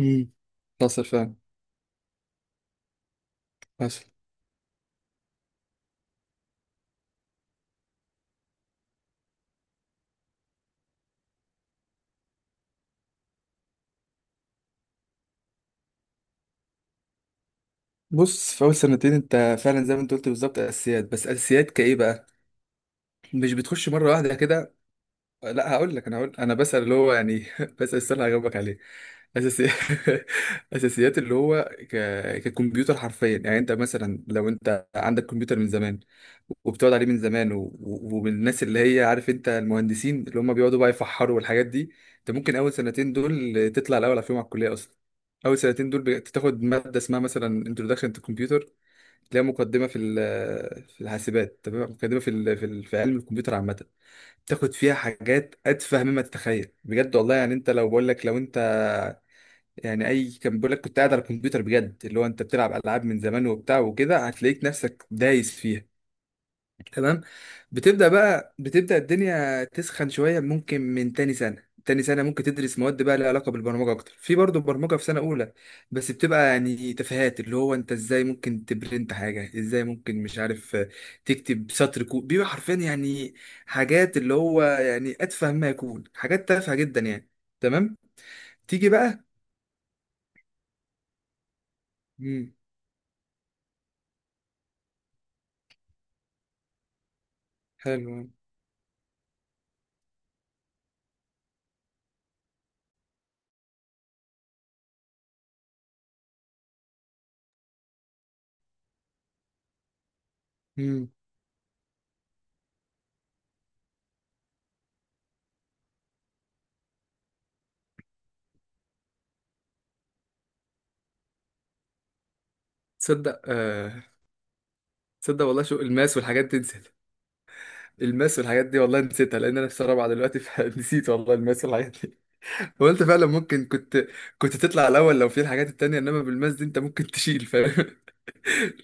امم حصل فعلا. حصل. بص، في اول سنتين انت فعلا زي ما انت قلت بالظبط اساسيات، بس اساسيات كايه بقى؟ مش بتخش مره واحده كده. لا، هقول لك، انا هقول، انا بسأل اللي هو يعني بسأل السؤال اللي هجاوبك عليه. اساسي اساسيات اللي هو ككمبيوتر حرفيا. يعني انت مثلا لو انت عندك كمبيوتر من زمان وبتقعد عليه من زمان و... و- ومن الناس اللي هي عارف انت المهندسين اللي هم بيقعدوا بقى يفحروا والحاجات دي، انت ممكن اول سنتين دول تطلع الاول على فيهم على الكلية اصلا. اول سنتين دول بتاخد مادة اسمها مثلا انتروداكشن تو كمبيوتر، تلاقيها مقدمة في الحاسبات. تمام؟ مقدمة في علم الكمبيوتر عامة. تاخد فيها حاجات اتفه مما تتخيل بجد والله. يعني انت لو بقول لك، لو انت يعني اي كان بيقول لك كنت قاعد على الكمبيوتر بجد، اللي هو انت بتلعب العاب من زمان وبتاع وكده، هتلاقيك نفسك دايس فيها. تمام؟ بتبدأ الدنيا تسخن شوية، ممكن من تاني سنة. تاني سنة ممكن تدرس مواد بقى لها علاقة بالبرمجة أكتر، في برضه برمجة في سنة أولى، بس بتبقى يعني تفاهات، اللي هو أنت إزاي ممكن تبرنت حاجة، إزاي ممكن مش عارف تكتب سطر كود. بيبقى حرفيا يعني حاجات اللي هو يعني أتفه ما يكون، حاجات تافهة جدا يعني. تمام. تيجي بقى. مم. حلو. مم. تصدق تصدق والله شو الماس والحاجات، تنسى. الماس والحاجات دي والله نسيتها، لان انا في سنه رابعه دلوقتي فنسيت والله الماس والحاجات دي. وقلت فعلا ممكن كنت، كنت تطلع الاول لو في الحاجات التانية، انما بالماس دي انت ممكن تشيل، فاهم؟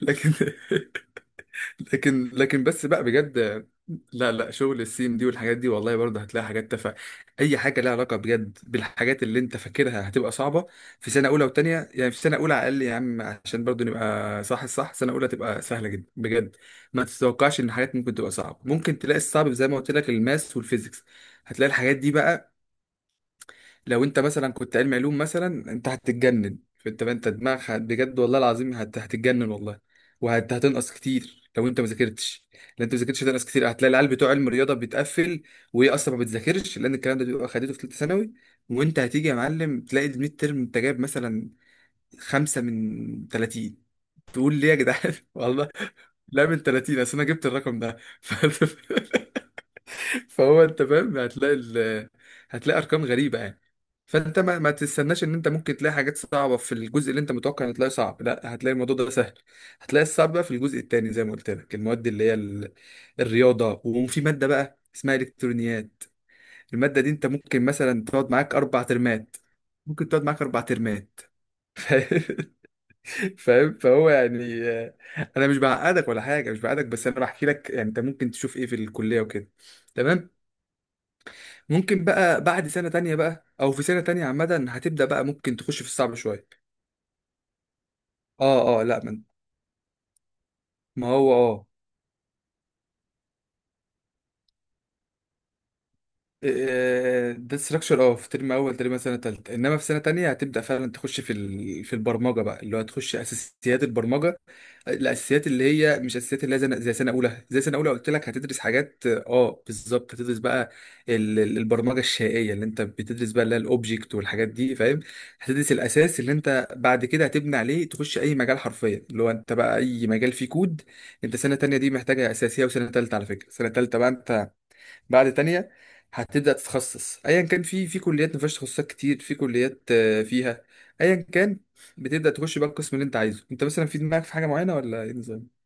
لكن، لكن بس بقى بجد. لا لا، شغل السيم دي والحاجات دي والله برضه هتلاقي حاجات تافهه. اي حاجه لها علاقه بجد بالحاجات اللي انت فاكرها هتبقى صعبه في سنه اولى وتانية. يعني في سنه اولى على الاقل يا عم، عشان برضه نبقى صح الصح، سنه اولى تبقى سهله جدا بجد. ما تتوقعش ان حاجات ممكن تبقى صعبه، ممكن تلاقي الصعب زي ما قلت لك الماس والفيزيكس، هتلاقي الحاجات دي بقى لو انت مثلا كنت علم علوم مثلا، انت هتتجنن. فانت، انت دماغك بجد والله العظيم هتتجنن والله. وهتنقص كتير لو انت ما ذاكرتش. لو انت ما ذاكرتش هتنقص كتير، هتلاقي العيال بتوع علم الرياضه بتقفل، وهي اصلا ما بتذاكرش لان الكلام ده بيبقى خدته في ثالثه ثانوي. وانت هتيجي يا معلم تلاقي الميد ترم انت جايب مثلا خمسة من 30. تقول ليه يا جدعان؟ والله لا، من 30. اصل انا جبت الرقم ده فهو، انت فاهم، هتلاقي ارقام غريبه يعني. فانت ما تستناش ان انت ممكن تلاقي حاجات صعبه في الجزء اللي انت متوقع ان تلاقيه صعب. لا، هتلاقي الموضوع ده سهل. هتلاقي الصعب بقى في الجزء التاني زي ما قلت لك، المواد اللي هي الرياضه، وفي ماده بقى اسمها الكترونيات. الماده دي انت ممكن مثلا تقعد معاك اربع ترمات. ممكن تقعد معاك اربع ترمات. فاهم؟ فاهم؟ فهو يعني انا مش بعقدك ولا حاجه، مش بعقدك، بس انا بحكي لك يعني انت ممكن تشوف ايه في الكليه وكده. تمام. ممكن بقى بعد سنة تانية بقى، أو في سنة تانية عامة هتبدأ بقى، ممكن تخش في الصعب شوية. اه اه. لا من، ما هو اه إيه، ده ستراكشر اه في ترم، أول ترم سنة تالتة. إنما في سنة تانية هتبدأ فعلا تخش في البرمجة بقى، اللي هو هتخش أساسيات البرمجة. الاساسيات اللي هي مش اساسيات اللي هي زي، زي سنه اولى قلت لك. هتدرس حاجات اه بالظبط، هتدرس بقى البرمجه الشيئيه اللي انت بتدرس بقى، اللي هي الاوبجكت والحاجات دي، فاهم؟ هتدرس الاساس اللي انت بعد كده هتبني عليه تخش اي مجال حرفيا، اللي هو انت بقى اي مجال فيه كود. انت سنه تانية دي محتاجه اساسيه، وسنه تالتة على فكره، سنه تالتة بقى انت بعد تانية هتبدأ تتخصص. ايا كان، في في كليات ما فيهاش تخصصات كتير، في كليات فيها. ايا كان، بتبدأ تخش بقى القسم اللي انت عايزه، انت مثلا في دماغك في حاجة معينة ولا ايه النظام؟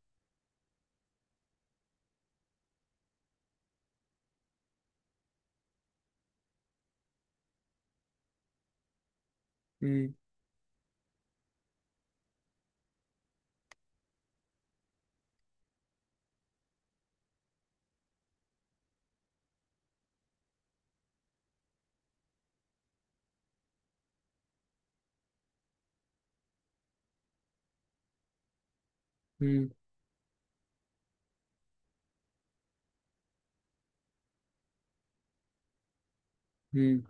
مم، مم، مم،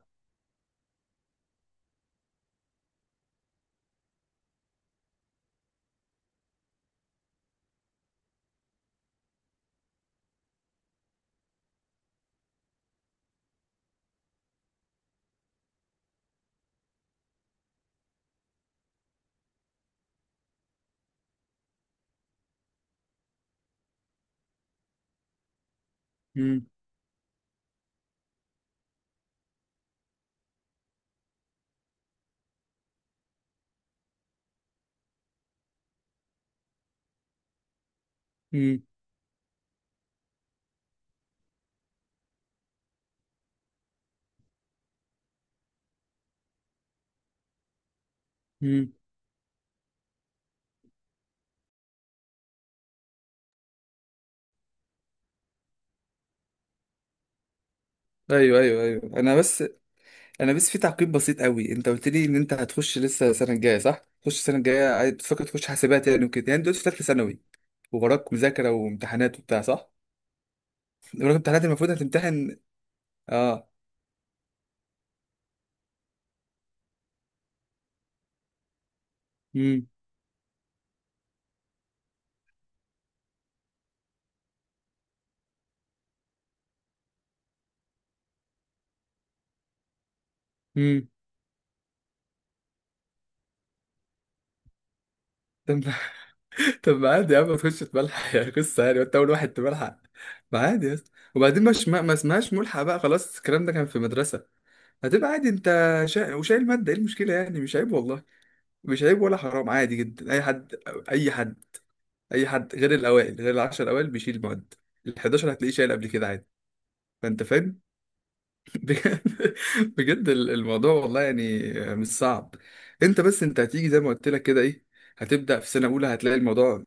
مم، مم، مم. ايوه ايوه ايوه. انا بس، انا بس في تعقيب بسيط قوي. انت قلت لي ان انت هتخش لسه السنه الجايه، صح؟ تخش السنه الجايه، بتفكر تخش حاسبات يعني وكده، يعني دلوقتي في ثالثه ثانوي ووراك مذاكره وامتحانات وبتاع، صح؟ وراك امتحانات، المفروض هتمتحن. اه. امم امم. طب ما عادي يا عم ما تخش تملحق يا قصة، يعني وانت أول واحد تملحق؟ ما عادي يا اسطى. وبعدين مش ما اسمهاش ملحق بقى، خلاص الكلام ده كان في مدرسة. هتبقى عادي انت. وشايل مادة، ايه المشكلة يعني؟ مش عيب والله. مش عيب ولا حرام، عادي جدا. أي حد، أي حد أي حد غير الأوائل، غير العشر الأوائل، بيشيل مواد. ال 11 هتلاقيه شايل قبل كده، عادي. فأنت فاهم. بجد. بجد الموضوع والله يعني مش صعب. انت بس، انت هتيجي زي ما قلت لك كده، ايه؟ هتبدأ في سنة أولى هتلاقي الموضوع،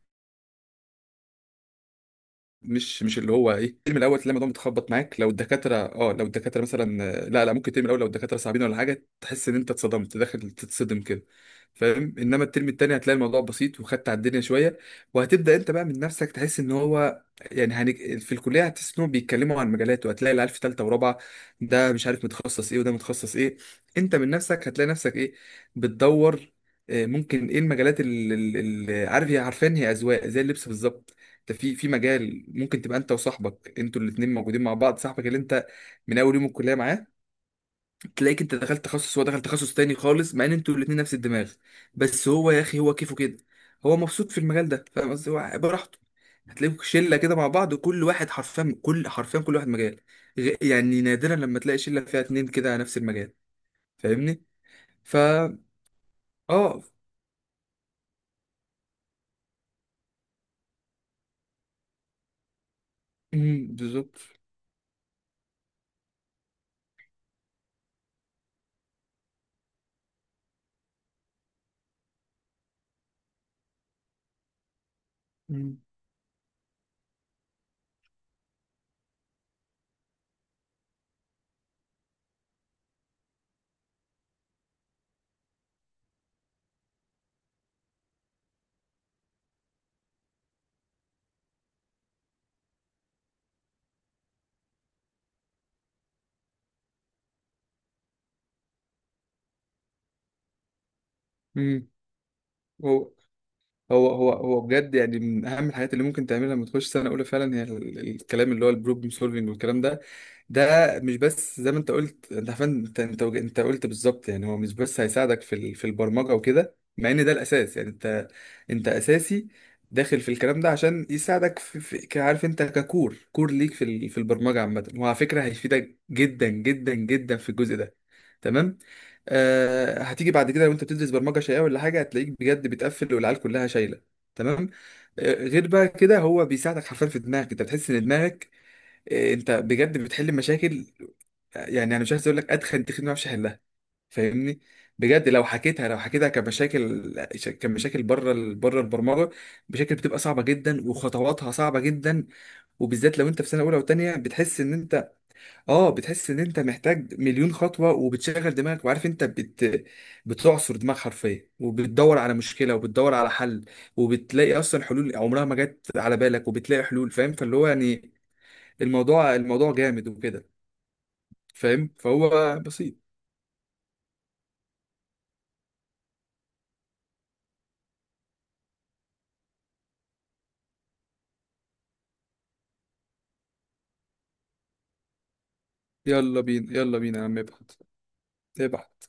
مش اللي هو ايه، الترم الاول تلاقي الموضوع متخبط معاك لو الدكاتره، اه، لو الدكاتره مثلا لا لا، ممكن الترم الاول لو الدكاتره صعبين ولا حاجه تحس ان انت اتصدمت، داخل تتصدم كده، فاهم؟ انما الترم التاني هتلاقي الموضوع بسيط، وخدت على الدنيا شويه، وهتبدا انت بقى من نفسك تحس ان هو يعني في الكليه هتحس انهم بيتكلموا عن مجالات، وهتلاقي العيال في ثالثه ورابعه، ده مش عارف متخصص ايه وده متخصص ايه. انت من نفسك هتلاقي نفسك ايه، بتدور. ممكن ايه المجالات اللي عارف، هي عارفين هي اذواق زي اللبس بالظبط. انت في في مجال ممكن تبقى انت وصاحبك انتوا الاثنين موجودين مع بعض، صاحبك اللي انت من اول يوم الكليه معاه، تلاقيك انت دخلت تخصص، هو دخل تخصص تاني خالص، مع ان انتوا الاثنين نفس الدماغ. بس هو يا اخي هو كيفه كده، هو مبسوط في المجال ده، فاهم قصدي؟ هو براحته. هتلاقيكوا شله كده مع بعض، وكل واحد حرفيا، كل حرفيا كل واحد مجال. يعني نادرا لما تلاقي شله فيها اتنين كده على نفس المجال، فاهمني؟ فا، اه. بالظبط. مم، مم. هو هو بجد يعني من اهم الحاجات اللي ممكن تعملها لما تخش سنه اولى، فعلا هي الكلام اللي هو البروبلم سولفنج والكلام ده. ده مش بس زي ما انت قلت، انت عارفين، انت، انت انت قلت بالظبط يعني، هو مش بس هيساعدك في البرمجه وكده، مع ان ده الاساس يعني. انت، انت اساسي داخل في الكلام ده عشان يساعدك في عارف انت ككور، كور ليك في البرمجه عامه. وعلى فكره هيفيدك جدا جدا جدا في الجزء ده. تمام. هتيجي بعد كده لو انت بتدرس برمجه شيئيه ولا حاجه، هتلاقيك بجد بتقفل والعيال كلها شايله. تمام. غير بقى كده هو بيساعدك حرفيا في دماغك، انت بتحس ان دماغك، انت بجد بتحل مشاكل. يعني انا مش عايز اقول لك ادخن تخين ما اعرفش احلها، فاهمني؟ بجد لو حكيتها، لو حكيتها كمشاكل، كمشاكل بره بره البرمجه، مشاكل بتبقى صعبه جدا وخطواتها صعبه جدا. وبالذات لو انت في سنه اولى وثانيه بتحس ان، اه بتحس ان انت محتاج مليون خطوه، وبتشغل دماغك وعارف انت بتعصر دماغ حرفيا، وبتدور على مشكله وبتدور على حل، وبتلاقي اصلا حلول عمرها ما جت على بالك، وبتلاقي حلول، فاهم؟ فاللي هو يعني الموضوع جامد وكده. فاهم؟ فهو بسيط. يلا بينا، يلا بينا يا عم ابعت. ابعت.